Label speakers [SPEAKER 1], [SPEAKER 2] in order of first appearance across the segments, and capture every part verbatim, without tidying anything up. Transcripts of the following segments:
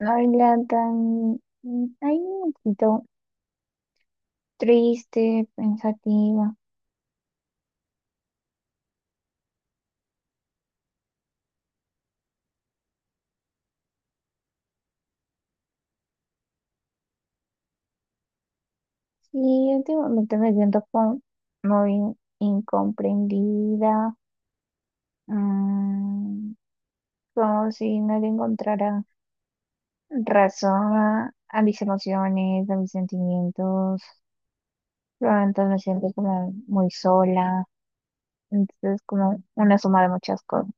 [SPEAKER 1] Habla tan, ay, un poquito triste, pensativa. Sí, últimamente me siento como muy incomprendida, mm, como si no le encontrara razón a, a mis emociones, a mis sentimientos. Entonces me siento como muy sola. Entonces, como una suma de muchas cosas.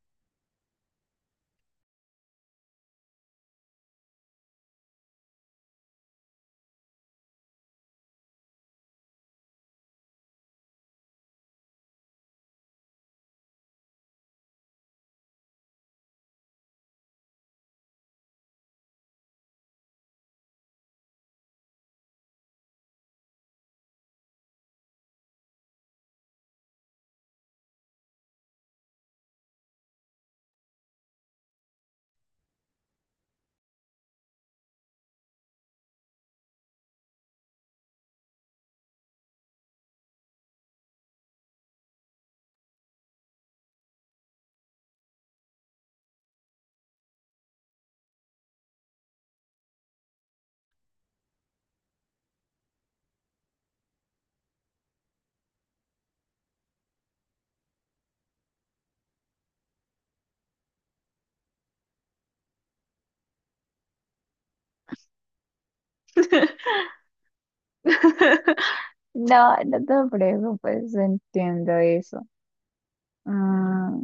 [SPEAKER 1] No, no te preocupes, entiendo eso. Ah,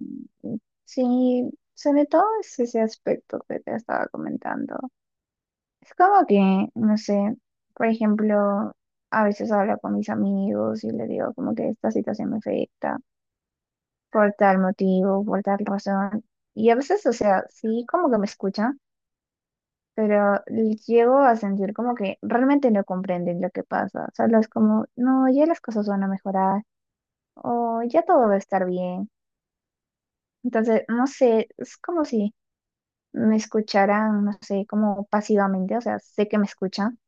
[SPEAKER 1] sí, sobre todo es ese aspecto que te estaba comentando. Es como que, no sé, por ejemplo, a veces hablo con mis amigos y les digo como que esta situación me afecta por tal motivo, por tal razón. Y a veces, o sea, sí, como que me escuchan, pero llego a sentir como que realmente no comprenden lo que pasa. Solo es como, no, ya las cosas van a mejorar o ya todo va a estar bien. Entonces, no sé, es como si me escucharan, no sé, como pasivamente, o sea, sé que me escuchan,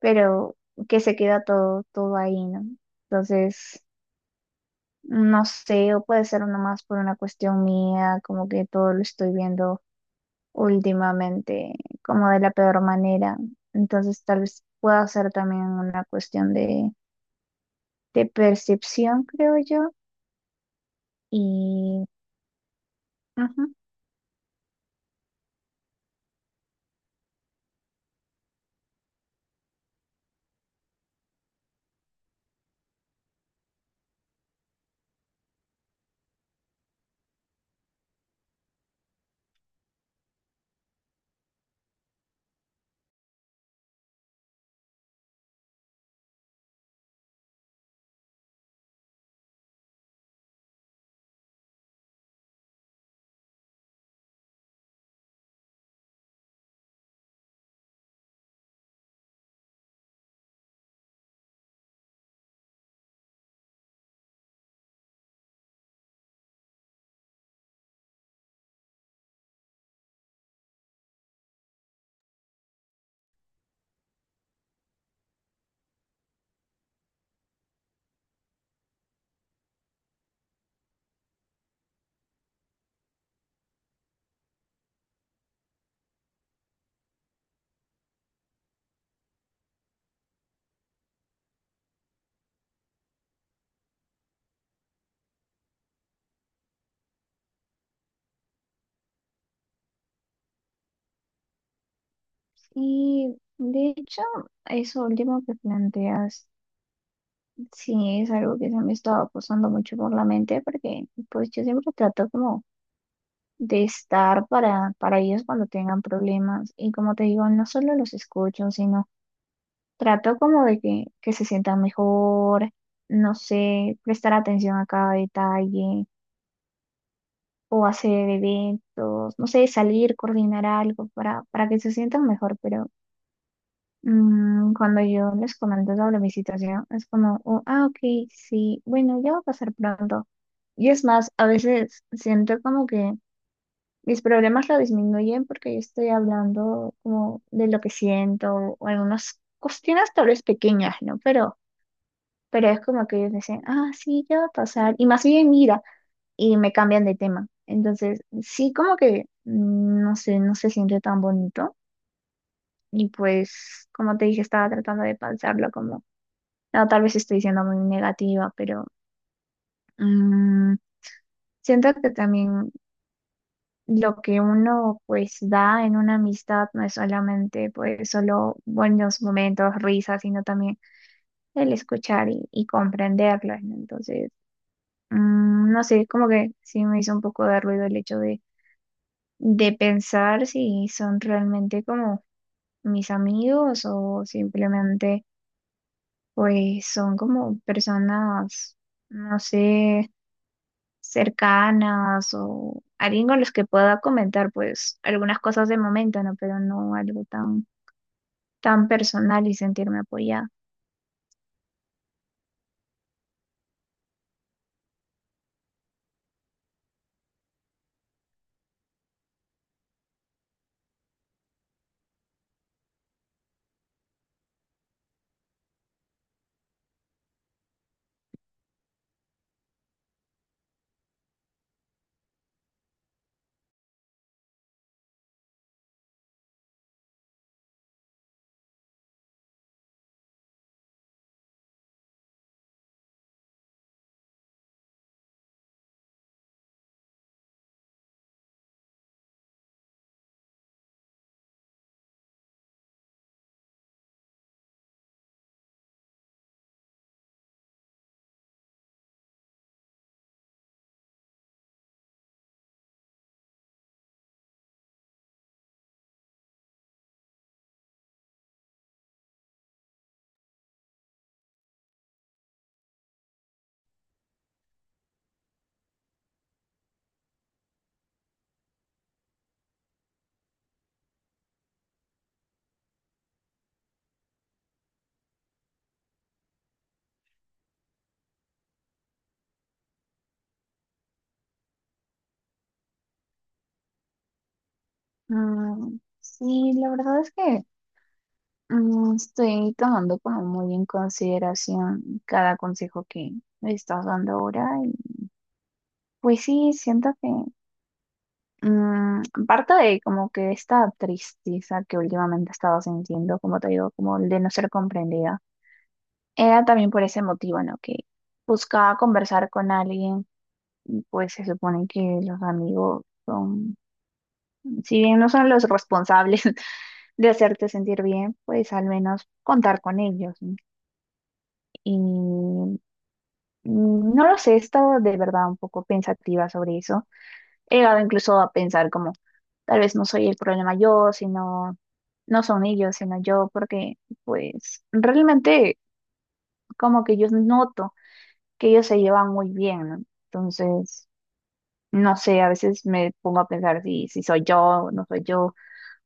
[SPEAKER 1] pero que se queda todo, todo ahí, ¿no? Entonces, no sé, o puede ser nomás por una cuestión mía, como que todo lo estoy viendo últimamente, como de la peor manera. Entonces, tal vez pueda ser también una cuestión de, de percepción, creo yo. Y, ujú. Y de hecho, eso último que planteas. Sí, es algo que se me estaba pasando mucho por la mente porque pues yo siempre trato como de estar para, para ellos cuando tengan problemas y como te digo, no solo los escucho, sino trato como de que, que se sientan mejor, no sé, prestar atención a cada detalle o hacer eventos, no sé, salir, coordinar algo para, para que se sientan mejor, pero mm, cuando yo les comento sobre mi situación, es como, "Oh, ah, ok, sí, bueno, ya va a pasar pronto." Y es más, a veces siento como que mis problemas lo disminuyen porque yo estoy hablando como de lo que siento o algunas cuestiones tal vez pequeñas, ¿no? Pero, pero es como que ellos dicen, ah, sí, ya va a pasar. Y más bien, mira, y me cambian de tema. Entonces, sí, como que, mm, no sé, no se siente tan bonito. Y pues, como te dije, estaba tratando de pensarlo. No, tal vez estoy siendo muy negativa, pero mm, siento que también lo que uno pues da en una amistad no es solamente pues solo buenos momentos, risas, sino también el escuchar y, y comprenderlas, ¿no? Entonces, mm, no sé, como que sí me hizo un poco de ruido el hecho de, de pensar si son realmente como mis amigos o simplemente pues son como personas, no sé, cercanas o alguien con los que pueda comentar pues algunas cosas de momento, ¿no? Pero no algo tan, tan personal y sentirme apoyada. Mm, sí, la verdad es que mm, estoy tomando como muy en consideración cada consejo que me estás dando ahora y pues sí, siento que mm, parte de como que esta tristeza que últimamente he estado sintiendo, como te digo, como el de no ser comprendida. Era también por ese motivo, ¿no? Que buscaba conversar con alguien y pues se supone que los amigos son, si bien no son los responsables de hacerte sentir bien, pues al menos contar con ellos, ¿no? Y mm, no lo sé, he estado de verdad un poco pensativa sobre eso. He llegado incluso a pensar como, tal vez no soy el problema yo, sino, no son ellos, sino yo, porque pues realmente como que yo noto que ellos se llevan muy bien, ¿no? Entonces, no sé, a veces me pongo a pensar si, si soy yo o no soy yo,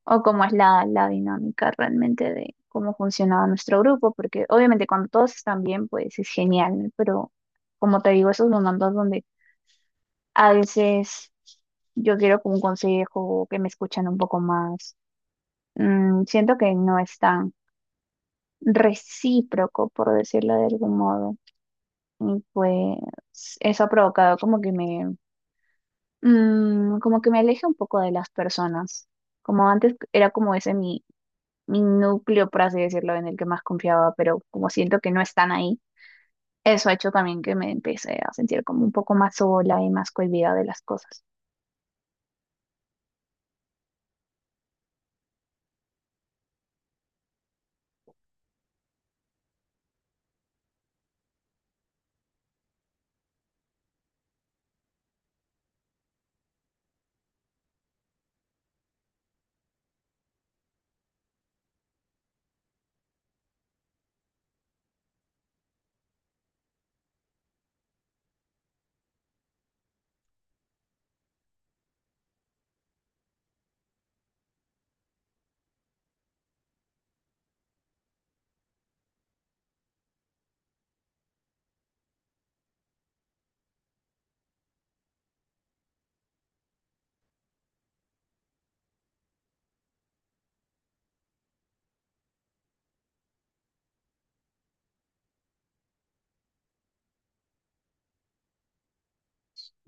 [SPEAKER 1] o cómo es la, la dinámica realmente de cómo funciona nuestro grupo, porque obviamente cuando todos están bien, pues es genial, ¿no? Pero como te digo, esos momentos donde a veces yo quiero como un consejo, que me escuchan un poco más, mm, siento que no es tan recíproco, por decirlo de algún modo. Y pues eso ha provocado como que me, mm, como que me aleja un poco de las personas. Como antes era como ese mi, mi núcleo, por así decirlo, en el que más confiaba, pero como siento que no están ahí, eso ha hecho también que me empecé a sentir como un poco más sola y más cohibida de las cosas.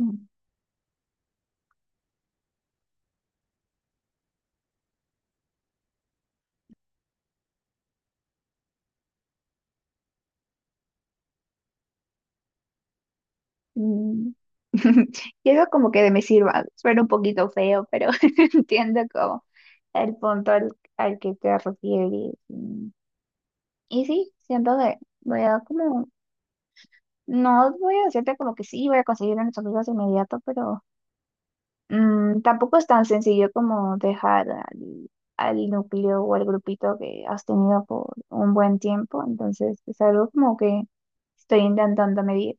[SPEAKER 1] Mm. Mm. Quiero como que de me sirva, suena un poquito feo, pero entiendo como el punto al, al que te refieres. Y, y sí, siento que voy a como, no voy a decirte como que sí, voy a conseguir a nuestros amigos de inmediato, pero mm, tampoco es tan sencillo como dejar al, al núcleo o al grupito que has tenido por un buen tiempo. Entonces, es algo como que estoy intentando medir.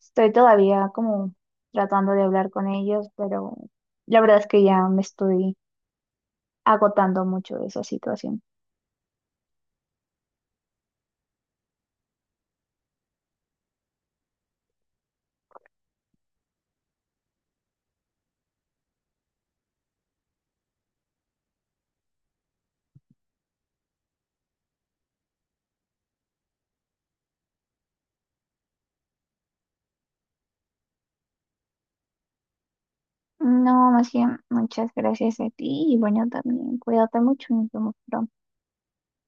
[SPEAKER 1] Estoy todavía como tratando de hablar con ellos, pero la verdad es que ya me estoy agotando mucho de esa situación. No, más bien, muchas gracias a ti y bueno, también cuídate mucho, nos vemos pronto.